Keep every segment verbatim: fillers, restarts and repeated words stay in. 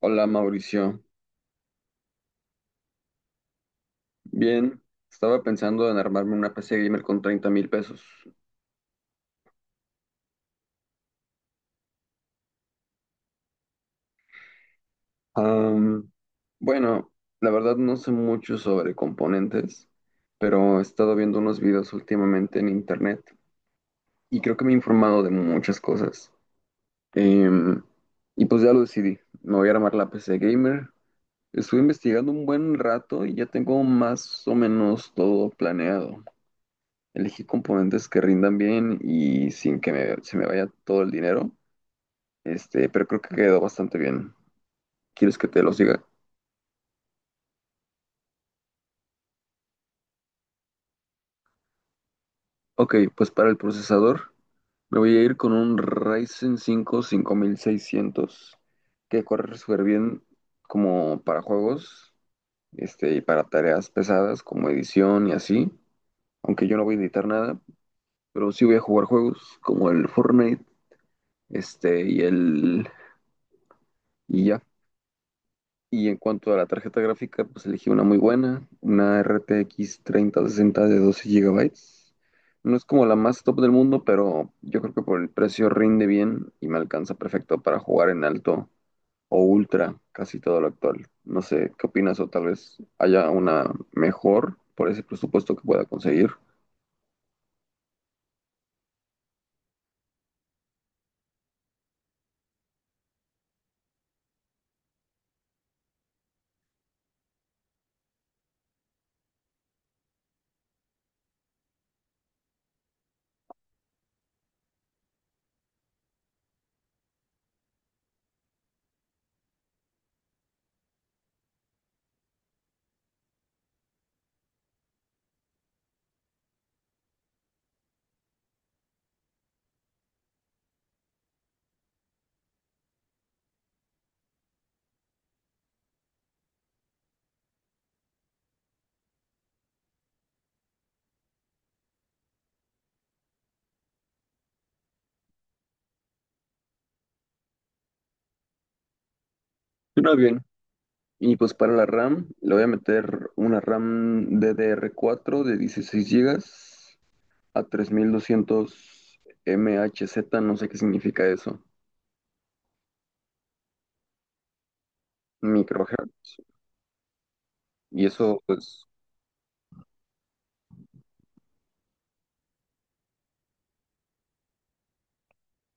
Hola Mauricio, bien, estaba pensando en armarme una P C gamer con treinta mil pesos. Am, bueno, la verdad no sé mucho sobre componentes, pero he estado viendo unos videos últimamente en internet y creo que me he informado de muchas cosas. Em, y pues ya lo decidí, me voy a armar la P C gamer. Estuve investigando un buen rato y ya tengo más o menos todo planeado. Elegí componentes que rindan bien y sin que me- se me vaya todo el dinero. Este, pero creo que quedó bastante bien. ¿Quieres que te los diga? Ok, pues para el procesador me voy a ir con un Ryzen cinco cinco mil seiscientos, que corre súper bien como para juegos, este, y para tareas pesadas como edición y así. Aunque yo no voy a editar nada, pero sí voy a jugar juegos como el Fortnite, este, y el y ya. Y en cuanto a la tarjeta gráfica, pues elegí una muy buena, una R T X treinta sesenta de doce gigabytes. No es como la más top del mundo, pero yo creo que por el precio rinde bien y me alcanza perfecto para jugar en alto o ultra casi todo lo actual. No sé, ¿qué opinas? O tal vez haya una mejor por ese presupuesto que pueda conseguir. Suena bien. Y pues para la RAM, le voy a meter una RAM D D R cuatro de dieciséis gigas a tres mil doscientos MHz, no sé qué significa eso. Microhertz. Y eso, pues,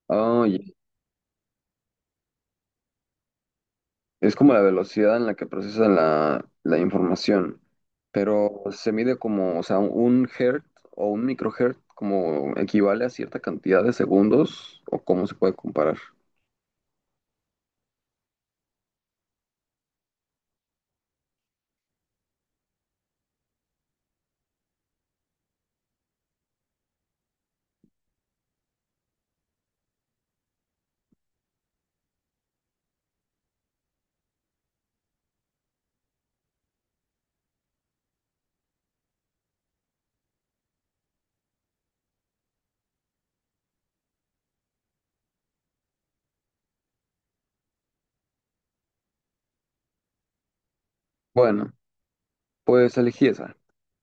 ah, ya, es como la velocidad en la que procesa la, la información. Pero se mide como, o sea, un hertz o un microhertz como equivale a cierta cantidad de segundos o cómo se puede comparar. Bueno, pues elegí esa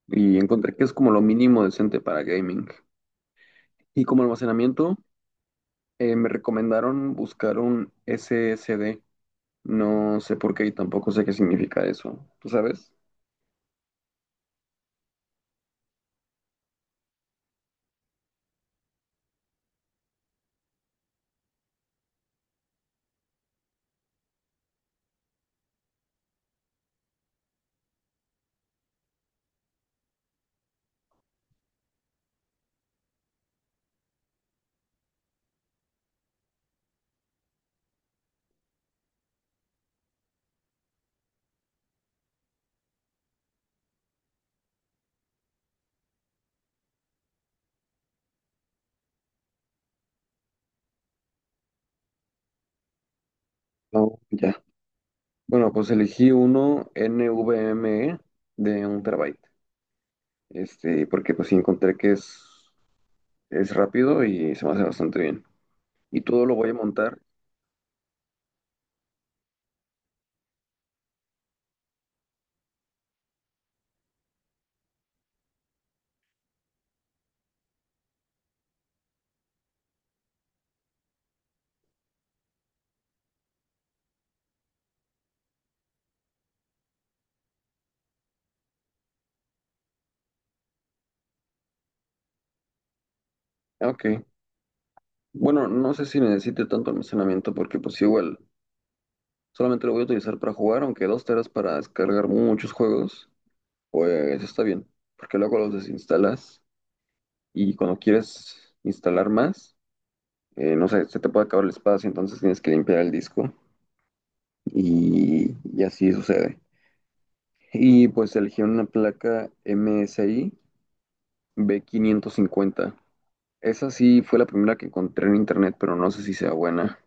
y encontré que es como lo mínimo decente para gaming. Y como almacenamiento, eh, me recomendaron buscar un S S D. No sé por qué y tampoco sé qué significa eso. ¿Tú sabes? No, ya. Bueno, pues elegí uno NVMe de un terabyte. Este, porque pues sí encontré que es, es rápido y se me hace bastante bien. Y todo lo voy a montar. Ah, ok. Bueno, no sé si necesite tanto almacenamiento porque pues igual solamente lo voy a utilizar para jugar, aunque dos teras para descargar muchos juegos, pues está bien. Porque luego los desinstalas y cuando quieres instalar más, eh, no sé, se te puede acabar el espacio, entonces tienes que limpiar el disco y, y así sucede. Y pues elegí una placa M S I B quinientos cincuenta. Esa sí fue la primera que encontré en internet, pero no sé si sea buena.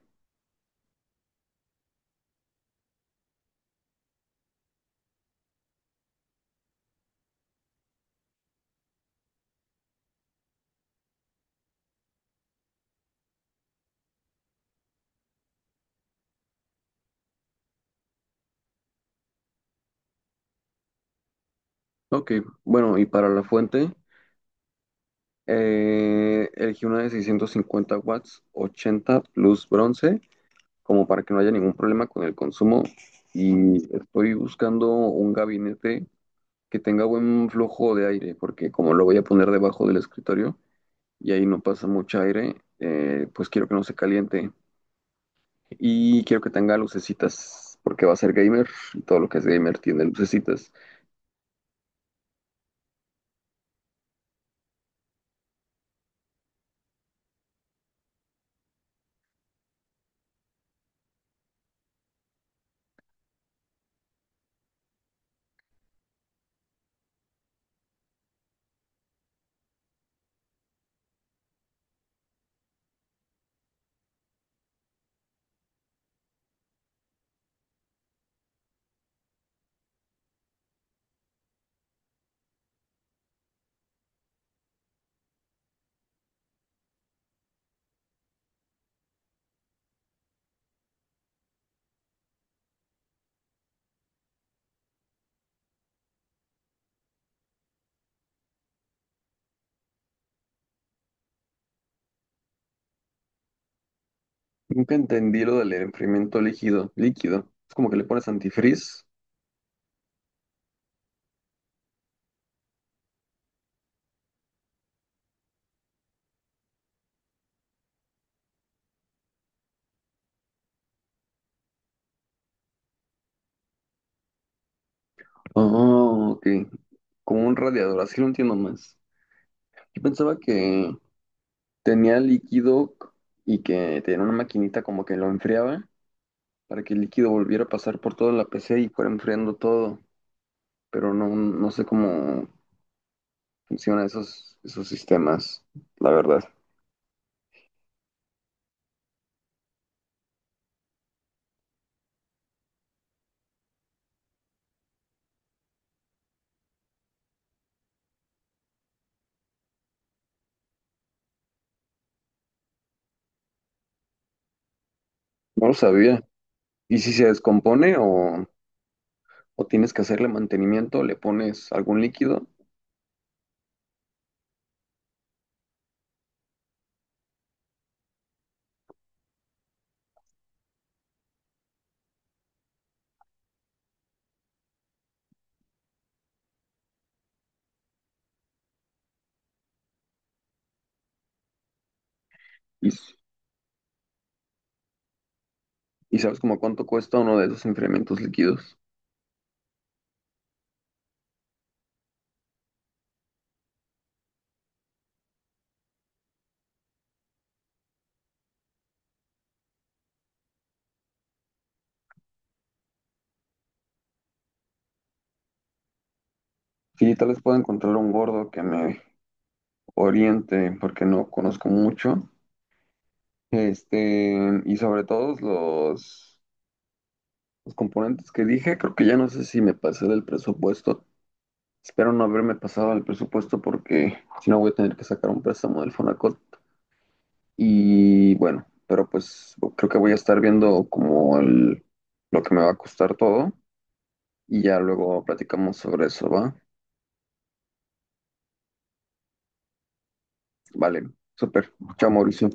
Ok, bueno, y para la fuente, eh, elegí una de seiscientos cincuenta watts, ochenta plus bronce, como para que no haya ningún problema con el consumo. Y estoy buscando un gabinete que tenga buen flujo de aire, porque como lo voy a poner debajo del escritorio y ahí no pasa mucho aire, eh, pues quiero que no se caliente y quiero que tenga lucecitas, porque va a ser gamer y todo lo que es gamer tiene lucecitas. Nunca entendí lo del enfriamiento líquido, líquido. Es como que le pones antifreeze. Oh, ok. Como un radiador, así lo entiendo más. Yo pensaba que tenía líquido y que tenía una maquinita como que lo enfriaba para que el líquido volviera a pasar por toda la P C y fuera enfriando todo, pero no, no sé cómo funcionan esos, esos sistemas, la verdad. No lo sabía. ¿Y si se descompone o, o tienes que hacerle mantenimiento, le pones algún líquido y, s- y sabes como cuánto cuesta uno de esos enfriamientos líquidos? Sí, tal vez pueda encontrar un gordo que me oriente porque no conozco mucho. Este, y sobre todos los, los componentes que dije, creo que ya no sé si me pasé del presupuesto. Espero no haberme pasado al presupuesto porque si no voy a tener que sacar un préstamo del Fonacot. Y bueno, pero pues creo que voy a estar viendo como el, lo que me va a costar todo, y ya luego platicamos sobre eso, ¿va? Vale, súper. Chao, Mauricio.